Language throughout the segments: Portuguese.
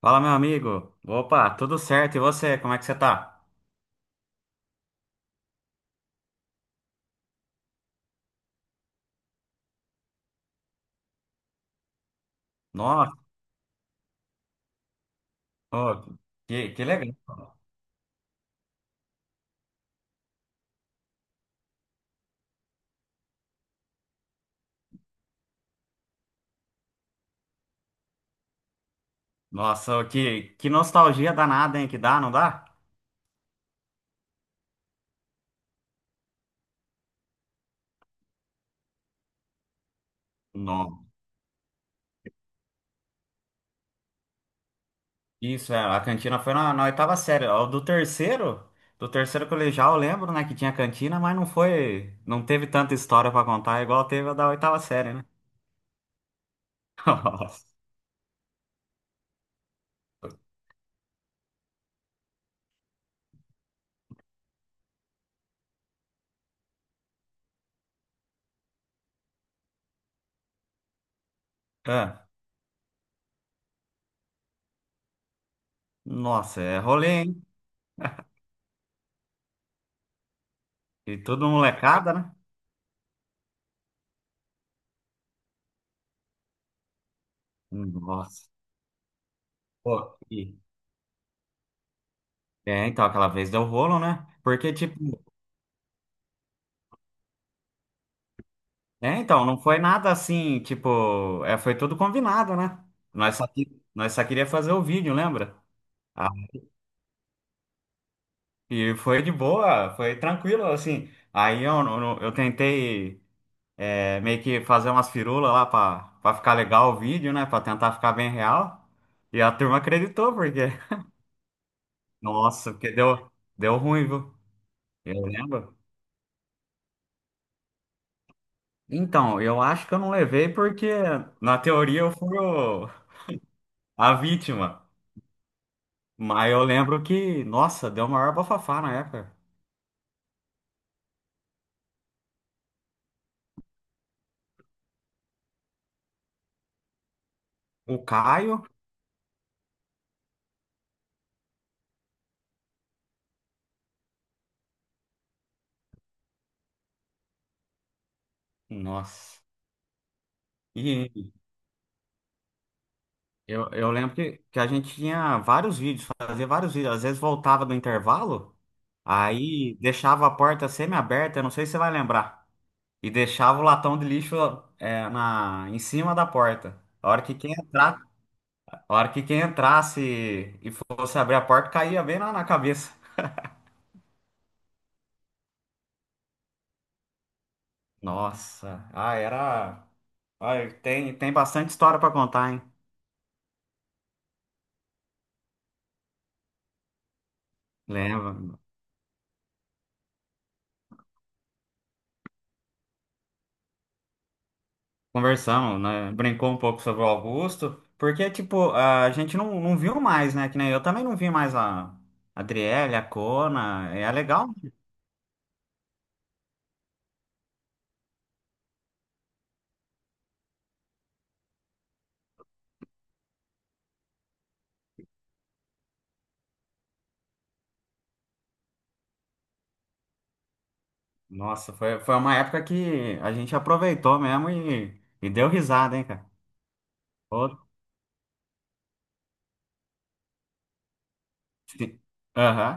Fala, meu amigo. Opa, tudo certo? E você, como é que você tá? Nossa, ô, que legal. Nossa, ô, que nostalgia danada, hein? Que dá, não dá? Não. Isso, é, a cantina foi na oitava série. Ó, do terceiro colegial, eu lembro, né, que tinha cantina, mas não foi, não teve tanta história pra contar, igual teve a da oitava série, né? Nossa. É. Nossa, é rolê, hein? E tudo molecada, né? Nossa. Pô, é, então, aquela vez deu rolo, né? Porque, tipo. É, então, não foi nada assim, tipo, é, foi tudo combinado, né? Nós só queria fazer o vídeo, lembra? Ah, e foi de boa, foi tranquilo, assim. Aí eu tentei meio que fazer umas firulas lá pra ficar legal o vídeo, né? Pra tentar ficar bem real. E a turma acreditou, porque, nossa, porque deu ruim, viu? Eu lembro. Então, eu acho que eu não levei porque, na teoria, eu fui a vítima. Mas eu lembro que, nossa, deu o maior bafafá na época. O Caio, nossa. E eu lembro que a gente tinha vários vídeos, fazia vários vídeos. Às vezes voltava do intervalo, aí deixava a porta semi-aberta, eu não sei se você vai lembrar. E deixava o latão de lixo em cima da porta. A hora que quem entrar, a hora que quem entrasse e fosse abrir a porta, caía bem lá na cabeça. Nossa, ah, era. Olha, tem bastante história para contar, hein? Lembro. Conversamos, né? Brincou um pouco sobre o Augusto, porque, tipo, a gente não viu mais, né? Que nem eu também não vi mais a Adriele, a Cona. É legal. Nossa, foi uma época que a gente aproveitou mesmo e deu risada, hein, cara? Ô, se- aham.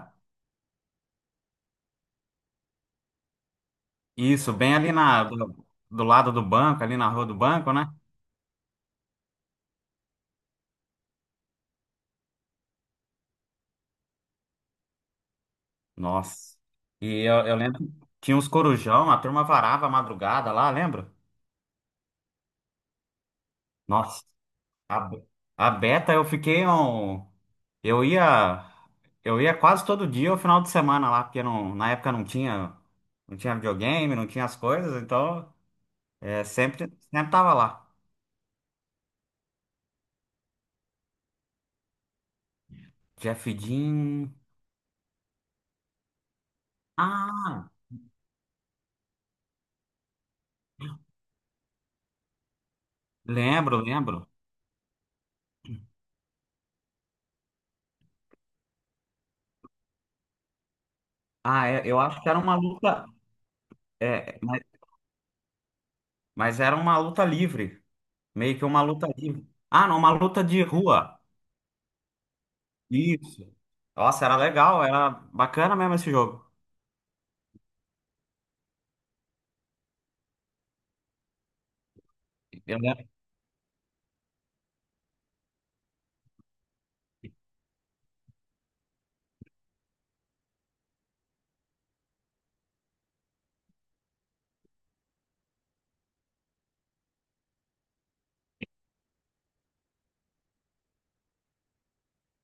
Isso, bem ali do lado do banco, ali na rua do banco, né? Nossa. E eu lembro que tinha uns corujão, a turma varava a madrugada lá, lembra? Nossa. A, a Beta, eu fiquei um. Eu ia. Eu ia quase todo dia, o final de semana lá, porque não, na época não tinha videogame, não tinha as coisas, então sempre tava lá. Jeff Dean. Ah, lembro, lembro. Ah, é, eu acho que era uma luta. É, mas era uma luta livre. Meio que uma luta livre. Ah, não, uma luta de rua. Isso. Nossa, era legal, era bacana mesmo esse jogo. Eu lembro.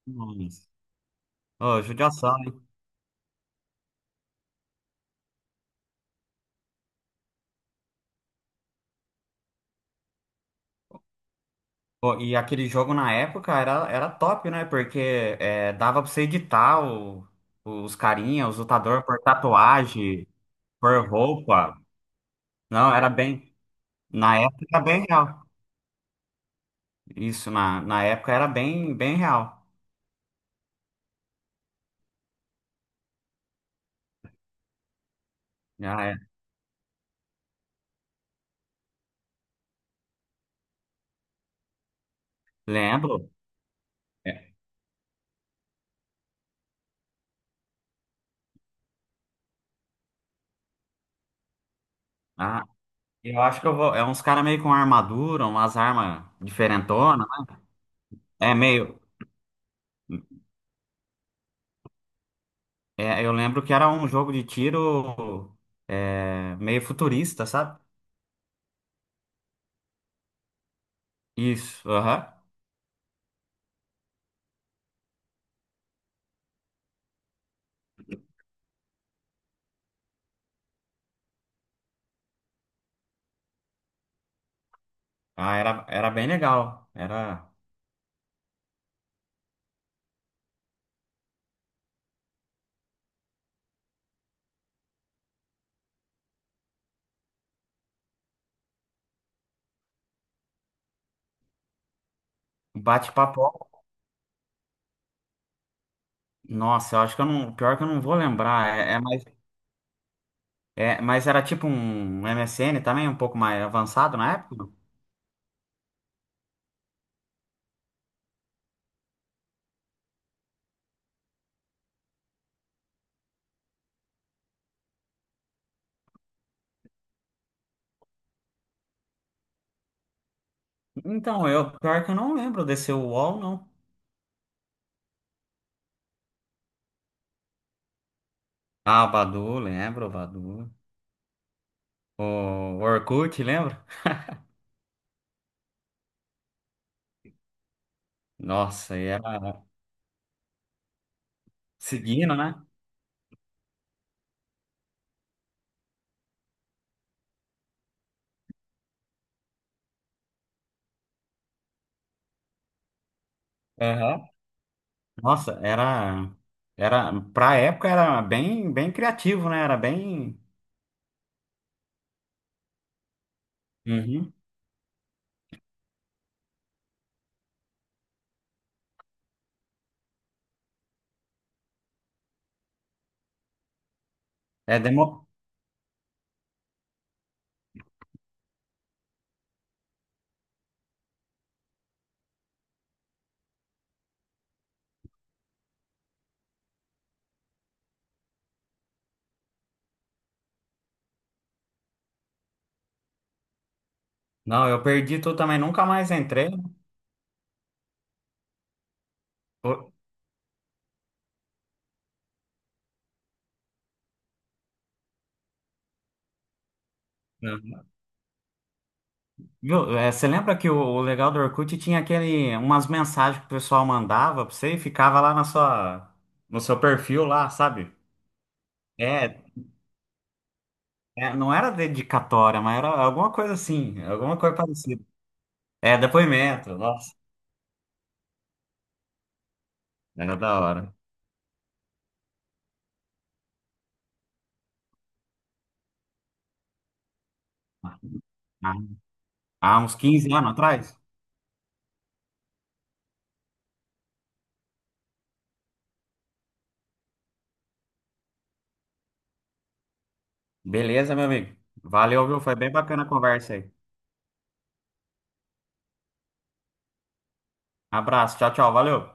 Nossa. Ô, judiação. Pô, e aquele jogo na época era top, né? Porque dava pra você editar os carinha, os lutadores por tatuagem, por roupa. Não, era bem. Na época era bem real. Isso, na época era bem, bem real. Ah, é. Lembro. É. Ah, eu acho que eu vou. É uns caras meio com armadura, umas armas diferentonas. É meio. É, eu lembro que era um jogo de tiro meio futurista, sabe? Isso, aham. Ah, era bem legal. Era um bate-papo. Nossa, eu acho que eu não. Pior que eu não vou lembrar. É, mas era tipo um MSN também, um pouco mais avançado na época. Então, eu pior que eu não lembro desse UOL, não. Ah, o Badu, lembro, o Badu. O Orkut, lembra? Nossa, e era seguindo, né? Aham. Nossa, era. Era. Pra época era bem, bem criativo, né? Era bem. Uhum. É demo... Não, eu perdi tudo também, nunca mais entrei. Ô, meu, você lembra que o legal do Orkut tinha aquele, umas mensagens que o pessoal mandava pra você e ficava lá no seu perfil lá, sabe? É, é, não era dedicatória, mas era alguma coisa assim, alguma coisa parecida. É, depoimento, nossa, era da hora. Ah, há uns 15 anos atrás? Beleza, meu amigo. Valeu, viu? Foi bem bacana a conversa aí. Abraço, tchau, tchau, valeu.